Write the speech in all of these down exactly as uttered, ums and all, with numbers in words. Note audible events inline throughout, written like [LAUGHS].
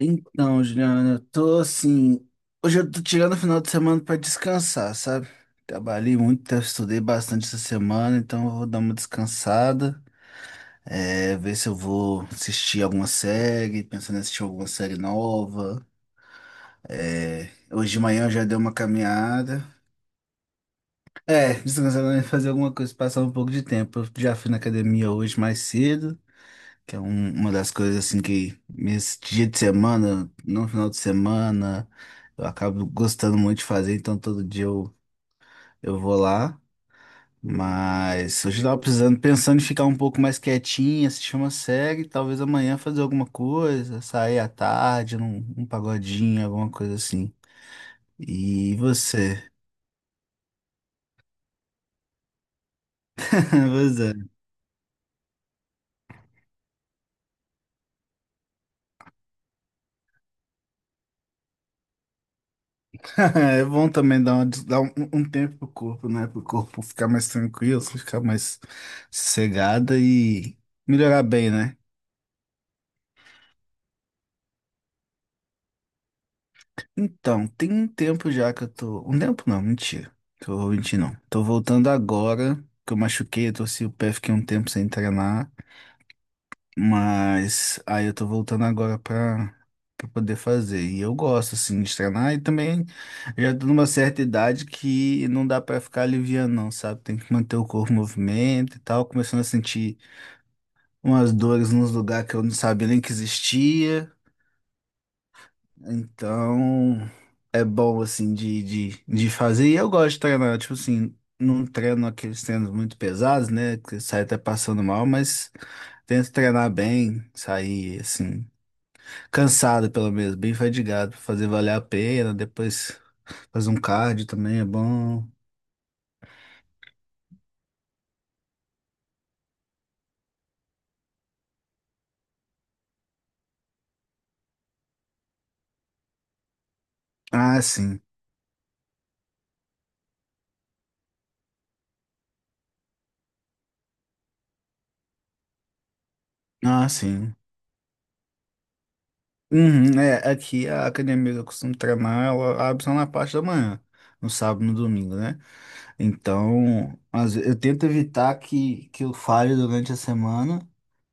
Então, Juliana, eu tô assim. Hoje eu tô tirando o final de semana pra descansar, sabe? Trabalhei muito, tá, estudei bastante essa semana, então eu vou dar uma descansada. É, ver se eu vou assistir alguma série, pensando em assistir alguma série nova. É, hoje de manhã eu já dei uma caminhada. É, descansando, né, fazer alguma coisa, passar um pouco de tempo. Eu já fui na academia hoje mais cedo. Que é um- uma das coisas assim que nesse dia de semana, no final de semana, eu acabo gostando muito de fazer, então todo dia eu, eu vou lá. Mas hoje eu tava precisando, pensando em ficar um pouco mais quietinho, assistir uma série, talvez amanhã fazer alguma coisa, sair à tarde, num, um pagodinho, alguma coisa assim. E você? [LAUGHS] Você? [LAUGHS] É bom também dar, uma des- dar um, um tempo pro corpo, né? Pro corpo ficar mais tranquilo, ficar mais sossegada e melhorar bem, né? Então, tem um tempo já que eu tô. Um tempo não, mentira. Que eu vou mentir, não. Tô voltando agora, que eu machuquei, eu torci o pé, fiquei um tempo sem treinar. Mas aí eu tô voltando agora pra, pra poder fazer. E eu gosto, assim, de treinar. E também já tô numa certa idade que não dá pra ficar aliviando, não, sabe? Tem que manter o corpo em movimento e tal. Começando a sentir umas dores nos lugares que eu não sabia nem que existia. Então é bom, assim, de, de, de fazer. E eu gosto de treinar, tipo assim. Não treino aqueles treinos muito pesados, né? Que sai até passando mal, mas tento treinar bem, sair assim. Cansado, pelo menos, bem fadigado, pra fazer valer a pena. Depois fazer um cardio também é bom. Ah, sim. Ah, sim. Uhum, é, aqui a academia que eu costumo treinar, ela abre só na parte da manhã, no sábado e no domingo, né? Então, às ve- eu tento evitar que, que eu falhe durante a semana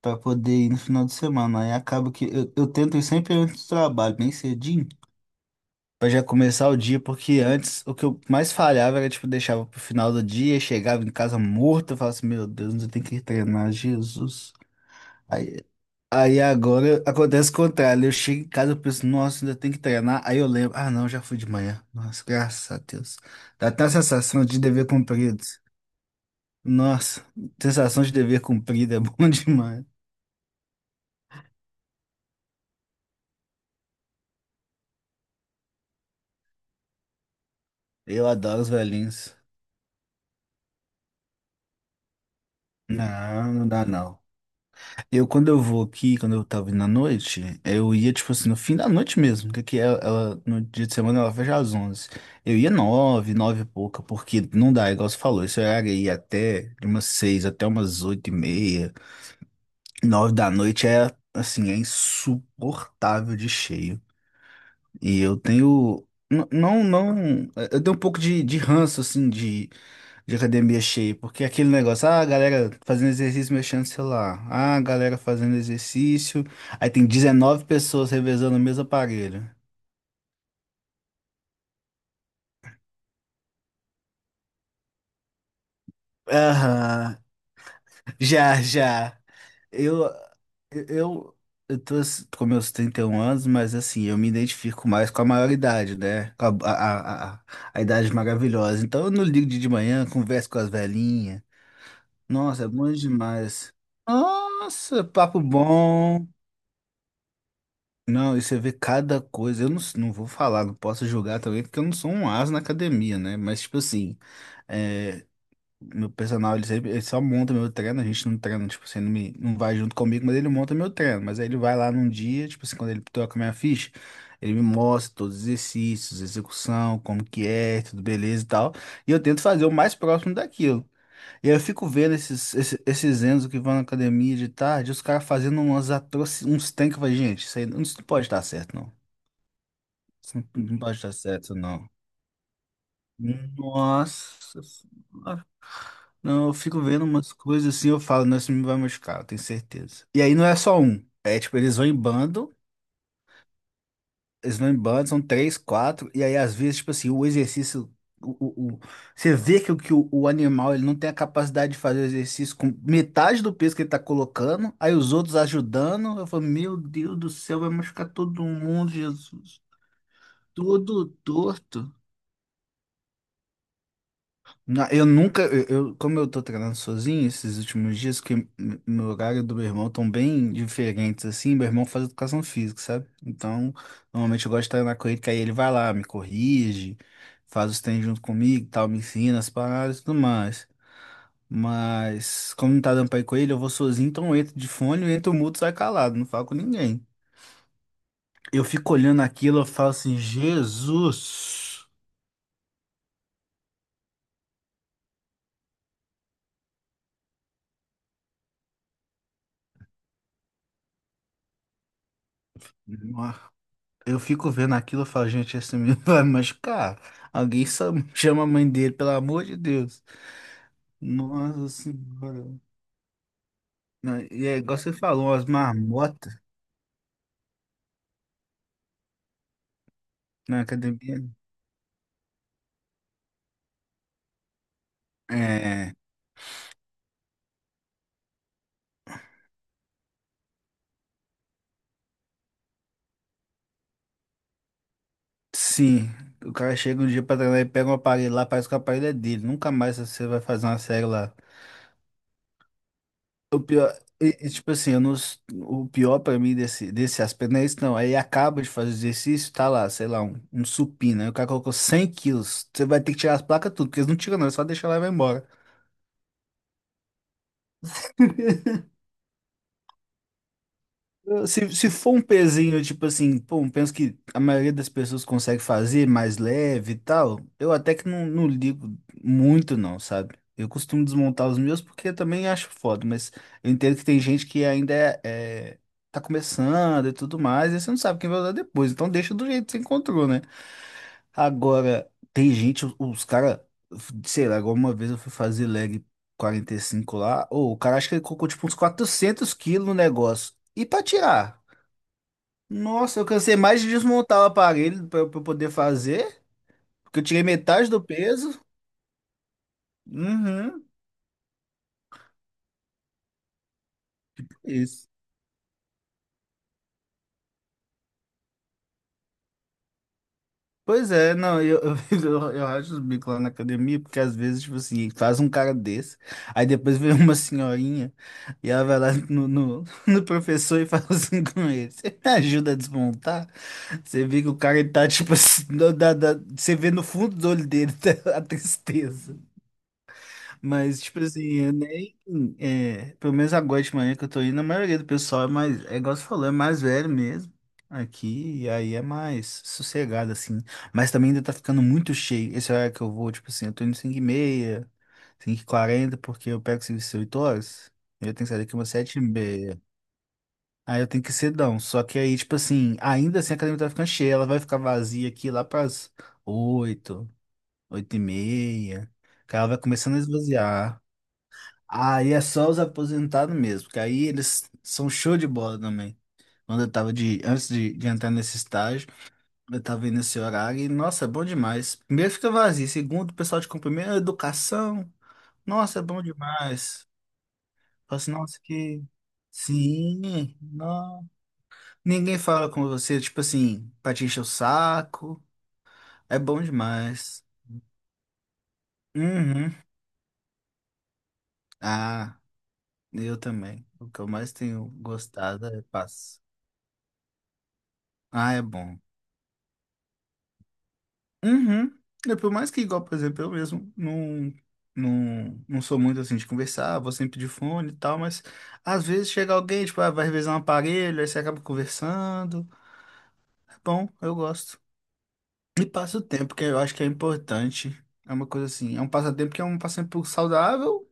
para poder ir no final de semana. Aí acaba que eu, eu tento ir sempre antes do trabalho, bem cedinho. Pra já começar o dia, porque antes o que eu mais falhava era, tipo, deixava pro final do dia, chegava em casa morto, eu falava assim, meu Deus, eu tenho que treinar, Jesus. Aí, aí agora acontece o contrário, eu chego em casa, eu penso, nossa, ainda tenho que treinar, aí eu lembro, ah não, já fui de manhã, nossa, graças a Deus. Dá até a sensação de dever cumprido. Nossa, sensação de dever cumprido é [LAUGHS] bom demais. Eu adoro os velhinhos. Não, não dá não. Eu, quando eu vou aqui, quando eu tava indo à noite, eu ia, tipo assim, no fim da noite mesmo, porque aqui ela, ela- no dia de semana ela fecha às onze. Eu ia nove, nove e pouca, porque não dá, igual você falou, esse horário aí até de umas seis até umas oito e meia, nove da noite é, assim, é insuportável de cheio. E eu tenho, n- não, não, eu tenho um pouco de, de ranço, assim, de academia cheia, porque aquele negócio, ah, a galera fazendo exercício mexendo no celular, ah, a galera fazendo exercício, aí tem dezenove pessoas revezando o mesmo aparelho. Aham, já, já. Eu, eu, eu tô s- com meus trinta e um anos, mas assim, eu me identifico mais com a maioridade, né? Com a, a, a, a a idade maravilhosa. Então eu não ligo de de manhã, converso com as velhinhas. Nossa, é bom demais. Nossa, papo bom. Não, e você vê cada coisa. Eu não, s- Não vou falar, não posso julgar também, porque eu não sou um as na academia, né? Mas, tipo assim, é, meu personal, ele, sempre, ele só monta meu treino, a gente não treina, tipo assim, não, me, não vai junto comigo, mas ele monta meu treino. Mas aí ele vai lá num dia, tipo assim, quando ele toca minha ficha, ele me mostra todos os exercícios, execução, como que é, tudo beleza e tal. E eu tento fazer o mais próximo daquilo. E aí eu fico vendo esses, esses, esses Enzo que vão na academia de tarde, os caras fazendo umas atroci... uns tanques, vai, gente, isso aí não, isso não pode estar certo, não. Isso não não pode estar certo, não. Nossa, senhora. Não, eu fico vendo umas coisas assim, eu falo, não, isso me vai machucar, eu tenho certeza. E aí não é só um, é tipo, eles vão em bando, slam band são três, quatro, e aí às vezes, tipo assim, o exercício, o, o, o- você vê que, o, que o, o animal ele não tem a capacidade de fazer o exercício com metade do peso que ele tá colocando, aí os outros ajudando, eu falo, meu Deus do céu, vai machucar todo mundo, Jesus, todo torto. Na- Eu nunca, eu, eu- Como eu tô treinando sozinho esses últimos dias, que m- meu horário e do meu irmão estão bem diferentes, assim, meu irmão faz educação física, sabe? Então, normalmente eu gosto de treinar com ele, que aí ele vai lá, me corrige, faz os treinos junto comigo, e tal, me ensina as paradas e tudo mais. Mas, como não tá dando pra ir com ele, eu vou sozinho, então eu entro de fone, eu entro mudo, sai calado, não falo com ninguém. Eu fico olhando aquilo, eu falo assim, Jesus! Eu fico vendo aquilo e falo, gente, esse menino [LAUGHS] vai machucar. Alguém só chama a mãe dele, pelo amor de Deus. Nossa Senhora. Não, e é igual você falou, as marmotas na academia. É, sim. O cara chega um dia pra treinar e pega um aparelho lá, parece que o aparelho é dele. Nunca mais você vai fazer uma série lá. O pior, e- e, tipo assim, eu não, s- o pior pra mim desse, desse aspecto não é isso, não. Aí acaba de fazer o exercício, tá lá, sei lá, um, um supino. Aí o cara colocou 100 quilos. Você vai ter que tirar as placas tudo, porque eles não tiram, não, é só deixar lá e vai embora. [LAUGHS] Se, se for um pezinho, tipo assim, pô, eu penso que a maioria das pessoas consegue fazer mais leve e tal, eu até que não, não ligo muito não, sabe? Eu costumo desmontar os meus porque eu também acho foda, mas eu entendo que tem gente que ainda é, é, tá começando e tudo mais, e você não sabe quem vai usar depois, então deixa do jeito que você encontrou, né? Agora, tem gente, os os cara, sei lá, igual uma vez eu fui fazer leg quarenta e cinco lá, ou o cara acha que ele colocou tipo uns 400 quilos no negócio. E para tirar? Nossa, eu cansei mais de desmontar o aparelho para eu pra eu poder fazer, porque eu tirei metade do peso. Uhum, isso. Pois é, não, eu, eu, [LAUGHS] eu, eu racho os bicos lá na academia, porque às vezes, tipo assim, faz um cara desse, aí depois vem [LAUGHS] uma senhorinha e ela vai lá no, no, [LAUGHS] no professor e fala assim com ele: Você me ajuda a desmontar? Você vê que o cara ele tá, tipo assim, [LAUGHS] da, da, da- você vê no fundo do olho dele [LAUGHS] tá a tristeza. Mas, tipo assim, eu nem. É, pelo menos agora de manhã que eu tô indo, a maioria do pessoal é mais. É igual você falou, é mais velho mesmo. Aqui, e aí é mais sossegado, assim. Mas também ainda tá ficando muito cheio. Esse horário que eu vou, tipo assim, eu tô indo cinco e meia, cinco e quarenta porque eu pego serviço oito horas. Eu tenho que sair daqui umas sete e meia. Aí eu tenho que ir cedão. Só que aí, tipo assim, ainda assim a academia tá ficando cheia. Ela vai ficar vazia aqui lá pras oito, oito e meia, que ela vai começando a esvaziar. Aí é só os aposentados mesmo, que aí eles são show de bola também. Quando eu tava de, antes de, de entrar nesse estágio, eu tava vendo esse horário e, nossa, é bom demais. Primeiro fica vazio, segundo, o pessoal te cumprimenta, educação, nossa, é bom demais. Fala assim, nossa, que. Sim, não. Ninguém fala com você, tipo assim, pra te encher o saco, é bom demais. Uhum. Ah, eu também. O que eu mais tenho gostado é paz. Ah, é bom. Uhum. É, por mais que, igual, por exemplo, eu mesmo não, não, não sou muito assim de conversar, vou sempre de fone e tal, mas às vezes chega alguém, tipo, ah, vai revisar um aparelho, aí você acaba conversando. É bom, eu gosto. E passa o tempo, que eu acho que é importante. É uma coisa assim, é um passatempo que é um passatempo saudável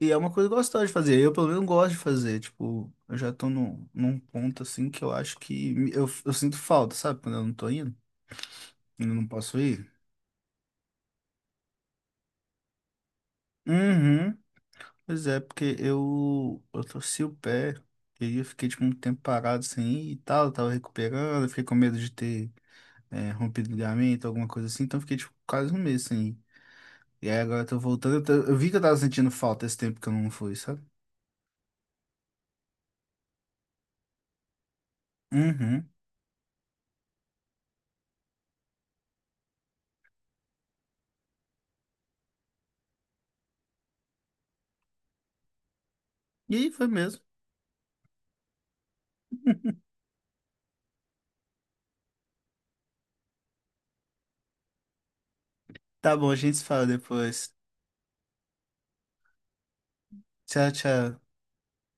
e é uma coisa gostosa de fazer. Eu, pelo menos, gosto de fazer. Tipo, eu já tô num, num ponto assim que eu acho que me- eu, eu sinto falta, sabe? Quando eu não tô indo, quando eu não posso ir. Uhum. Pois é, porque eu, eu torci o pé e eu fiquei tipo, um tempo parado sem ir e tal, eu tava recuperando, eu fiquei com medo de ter é, rompido o ligamento, alguma coisa assim, então eu fiquei tipo, quase um mês sem ir. E aí agora eu tô voltando, eu, tô- eu vi que eu tava sentindo falta esse tempo que eu não fui, sabe? Uhum. E aí foi mesmo. Tá bom, a gente se fala depois. Tchau, tchau.